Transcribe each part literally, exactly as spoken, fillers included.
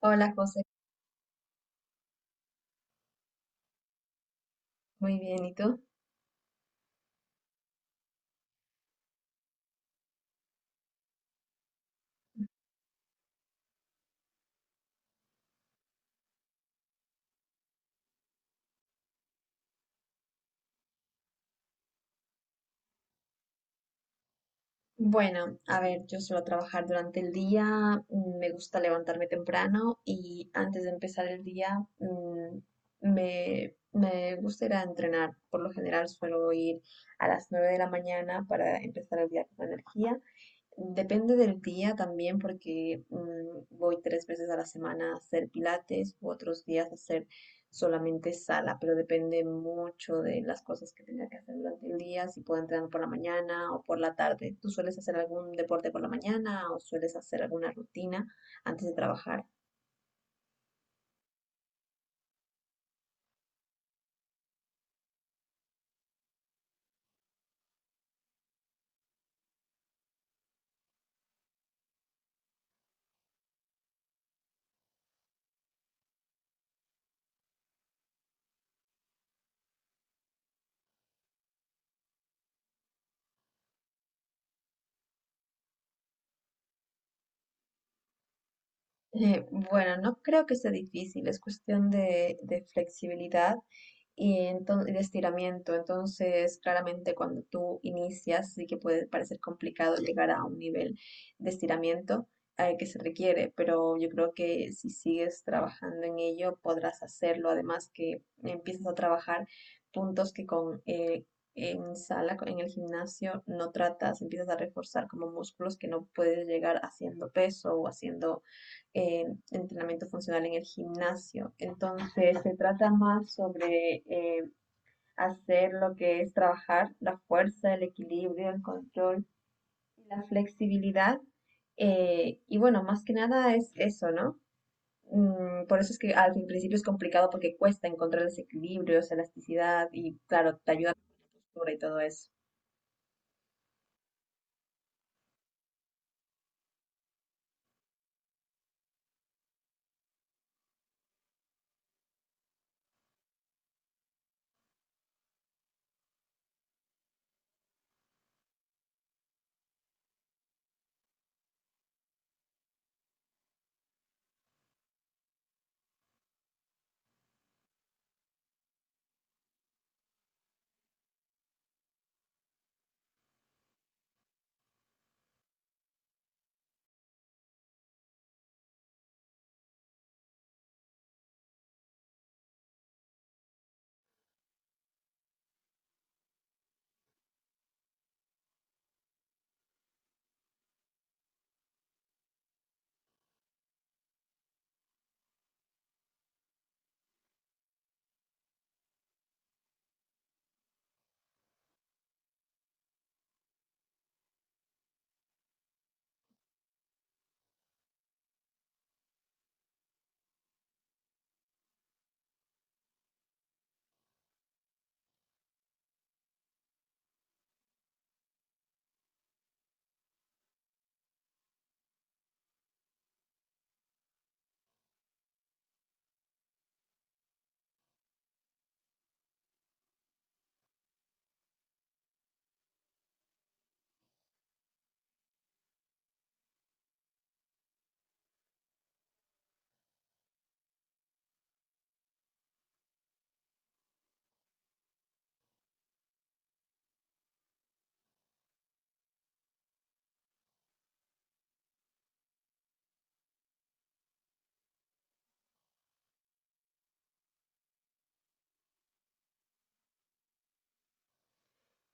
Hola José. Muy bien, ¿y tú? Bueno, a ver, yo suelo trabajar durante el día. Mm, me gusta levantarme temprano y antes de empezar el día, mm, me, me gusta ir a entrenar. Por lo general suelo ir a las nueve de la mañana para empezar el día con energía. Depende del día también porque, mm, voy tres veces a la semana a hacer pilates u otros días a hacer solamente sala, pero depende mucho de las cosas que tenga que hacer durante el día, si puedo entrenar por la mañana o por la tarde. ¿Tú sueles hacer algún deporte por la mañana o sueles hacer alguna rutina antes de trabajar? Eh, bueno, no creo que sea difícil, es cuestión de, de flexibilidad y, ento- y de estiramiento. Entonces, claramente cuando tú inicias, sí que puede parecer complicado llegar a un nivel de estiramiento eh, que se requiere, pero yo creo que si sigues trabajando en ello, podrás hacerlo. Además que empiezas a trabajar puntos que con... eh, en sala, co- en el gimnasio, no tratas, empiezas a reforzar como músculos que no puedes llegar haciendo peso o haciendo, eh, entrenamiento funcional en el gimnasio. Entonces se trata más sobre, eh, hacer lo que es trabajar la fuerza, el equilibrio, el control, la flexibilidad. Eh, y bueno, más que nada es eso, ¿no? Mm, por eso es que al principio es complicado porque cuesta encontrar ese equilibrio, esa elasticidad y claro, te ayuda a la postura y todo eso.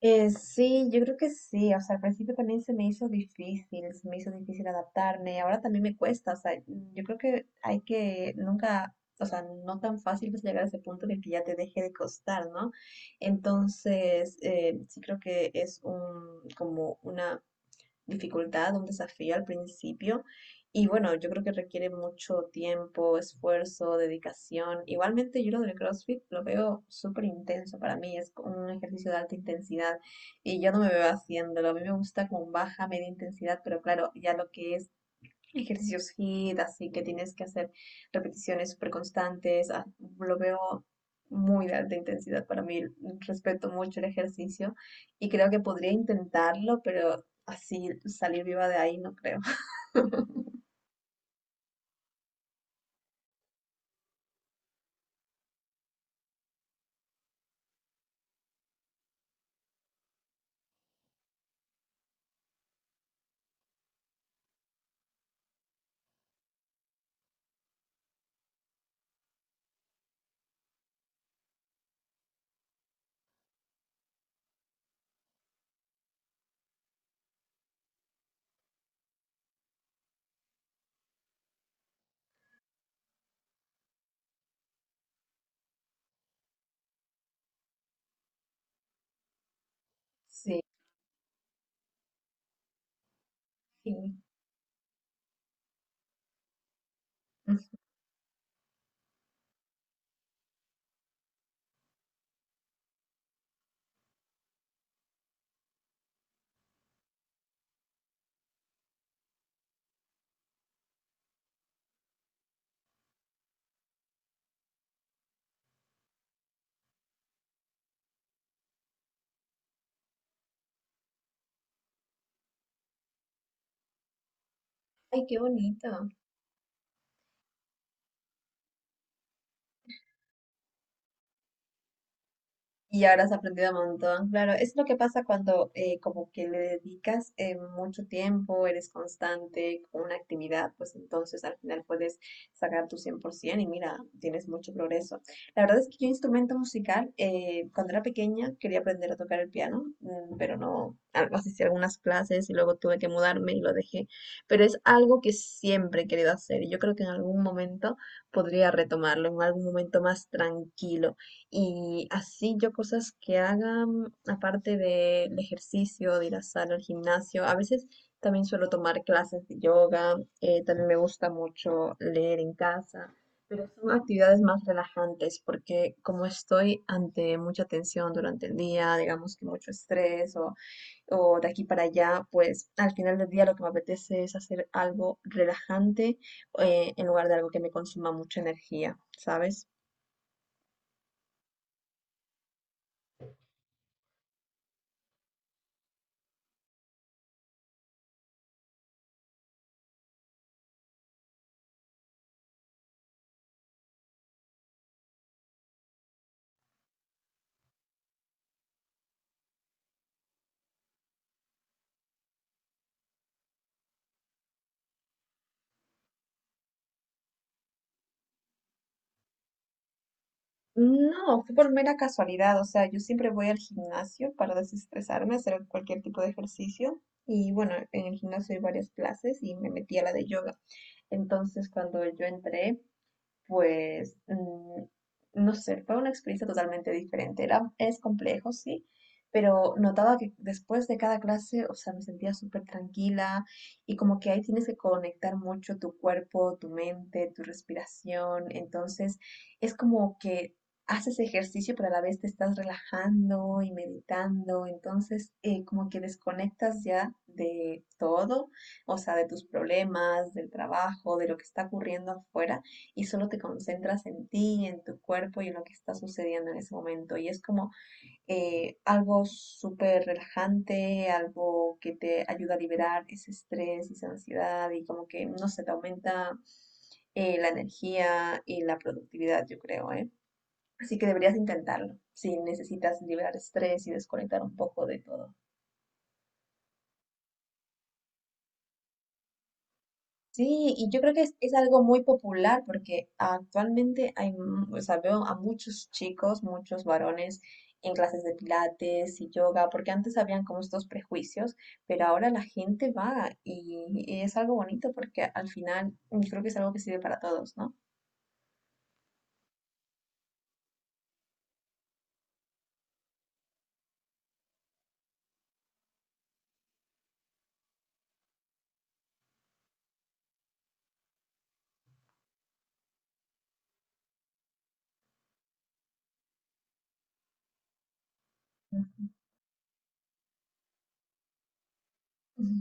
Eh, sí, yo creo que sí. O sea, al principio también se me hizo difícil, se me hizo difícil adaptarme. Ahora también me cuesta. O sea, yo creo que hay que nunca, o sea, no tan fácil es llegar a ese punto de que ya te deje de costar, ¿no? Entonces, eh, sí creo que es un, como una dificultad, un desafío al principio. Y bueno, yo creo que requiere mucho tiempo, esfuerzo, dedicación. Igualmente yo lo del CrossFit lo veo súper intenso para mí, es un ejercicio de alta intensidad y yo no me veo haciéndolo. A mí me gusta con baja, media intensidad, pero claro, ya lo que es ejercicios H I I T, así que tienes que hacer repeticiones súper constantes. ah, Lo veo muy de alta intensidad para mí. Respeto mucho el ejercicio y creo que podría intentarlo, pero así salir viva de ahí no creo. Sí, sí. Ay, qué bonito. Y ahora has aprendido un montón. Claro, es lo que pasa cuando, eh, como que le dedicas, eh, mucho tiempo, eres constante con una actividad, pues entonces al final puedes sacar tu cien por ciento y mira, tienes mucho progreso. La verdad es que yo instrumento musical, eh, cuando era pequeña quería aprender a tocar el piano, mm, pero no, algo así, hice algunas clases y luego tuve que mudarme y lo dejé. Pero es algo que siempre he querido hacer y yo creo que en algún momento podría retomarlo, en algún momento más tranquilo. Y así yo cosas que hagan, aparte del ejercicio, de ir a sala, al gimnasio, a veces también suelo tomar clases de yoga, eh, también me gusta mucho leer en casa, pero son actividades más relajantes porque como estoy ante mucha tensión durante el día, digamos que mucho estrés o, o de aquí para allá, pues al final del día lo que me apetece es hacer algo relajante, eh, en lugar de algo que me consuma mucha energía, ¿sabes? No, fue por mera casualidad, o sea, yo siempre voy al gimnasio para desestresarme, hacer cualquier tipo de ejercicio y bueno, en el gimnasio hay varias clases y me metí a la de yoga. Entonces, cuando yo entré, pues, mm, no sé, fue una experiencia totalmente diferente. Era, es complejo, sí, pero notaba que después de cada clase, o sea, me sentía súper tranquila y como que ahí tienes que conectar mucho tu cuerpo, tu mente, tu respiración. Entonces, es como que haces ejercicio, pero a la vez te estás relajando y meditando. Entonces, eh, como que desconectas ya de todo, o sea, de tus problemas, del trabajo, de lo que está ocurriendo afuera y solo te concentras en ti, en tu cuerpo y en lo que está sucediendo en ese momento. Y es como, eh, algo súper relajante, algo que te ayuda a liberar ese estrés y esa ansiedad y como que, no sé, te aumenta, eh, la energía y la productividad, yo creo, ¿eh? Así que deberías intentarlo si necesitas liberar estrés y desconectar un poco de todo. Sí, y yo creo que es, es algo muy popular porque actualmente hay, mu- o sea, veo a muchos chicos, muchos varones en clases de pilates y yoga, porque antes habían como estos prejuicios, pero ahora la gente va y, y es algo bonito porque al final, mm, creo que es algo que sirve para todos, ¿no? Ujú. Ujú.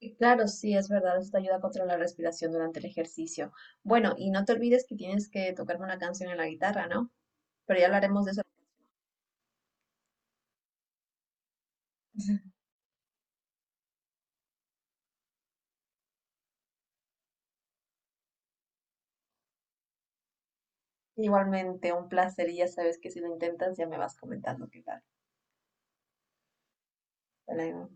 Y claro, sí, es verdad, esto te ayuda a controlar la respiración durante el ejercicio. Bueno, y no te olvides que tienes que tocarme una canción en la guitarra, ¿no? Pero ya hablaremos de eso. Igualmente, un placer y ya sabes que si lo intentas ya me vas comentando qué tal. Hasta luego.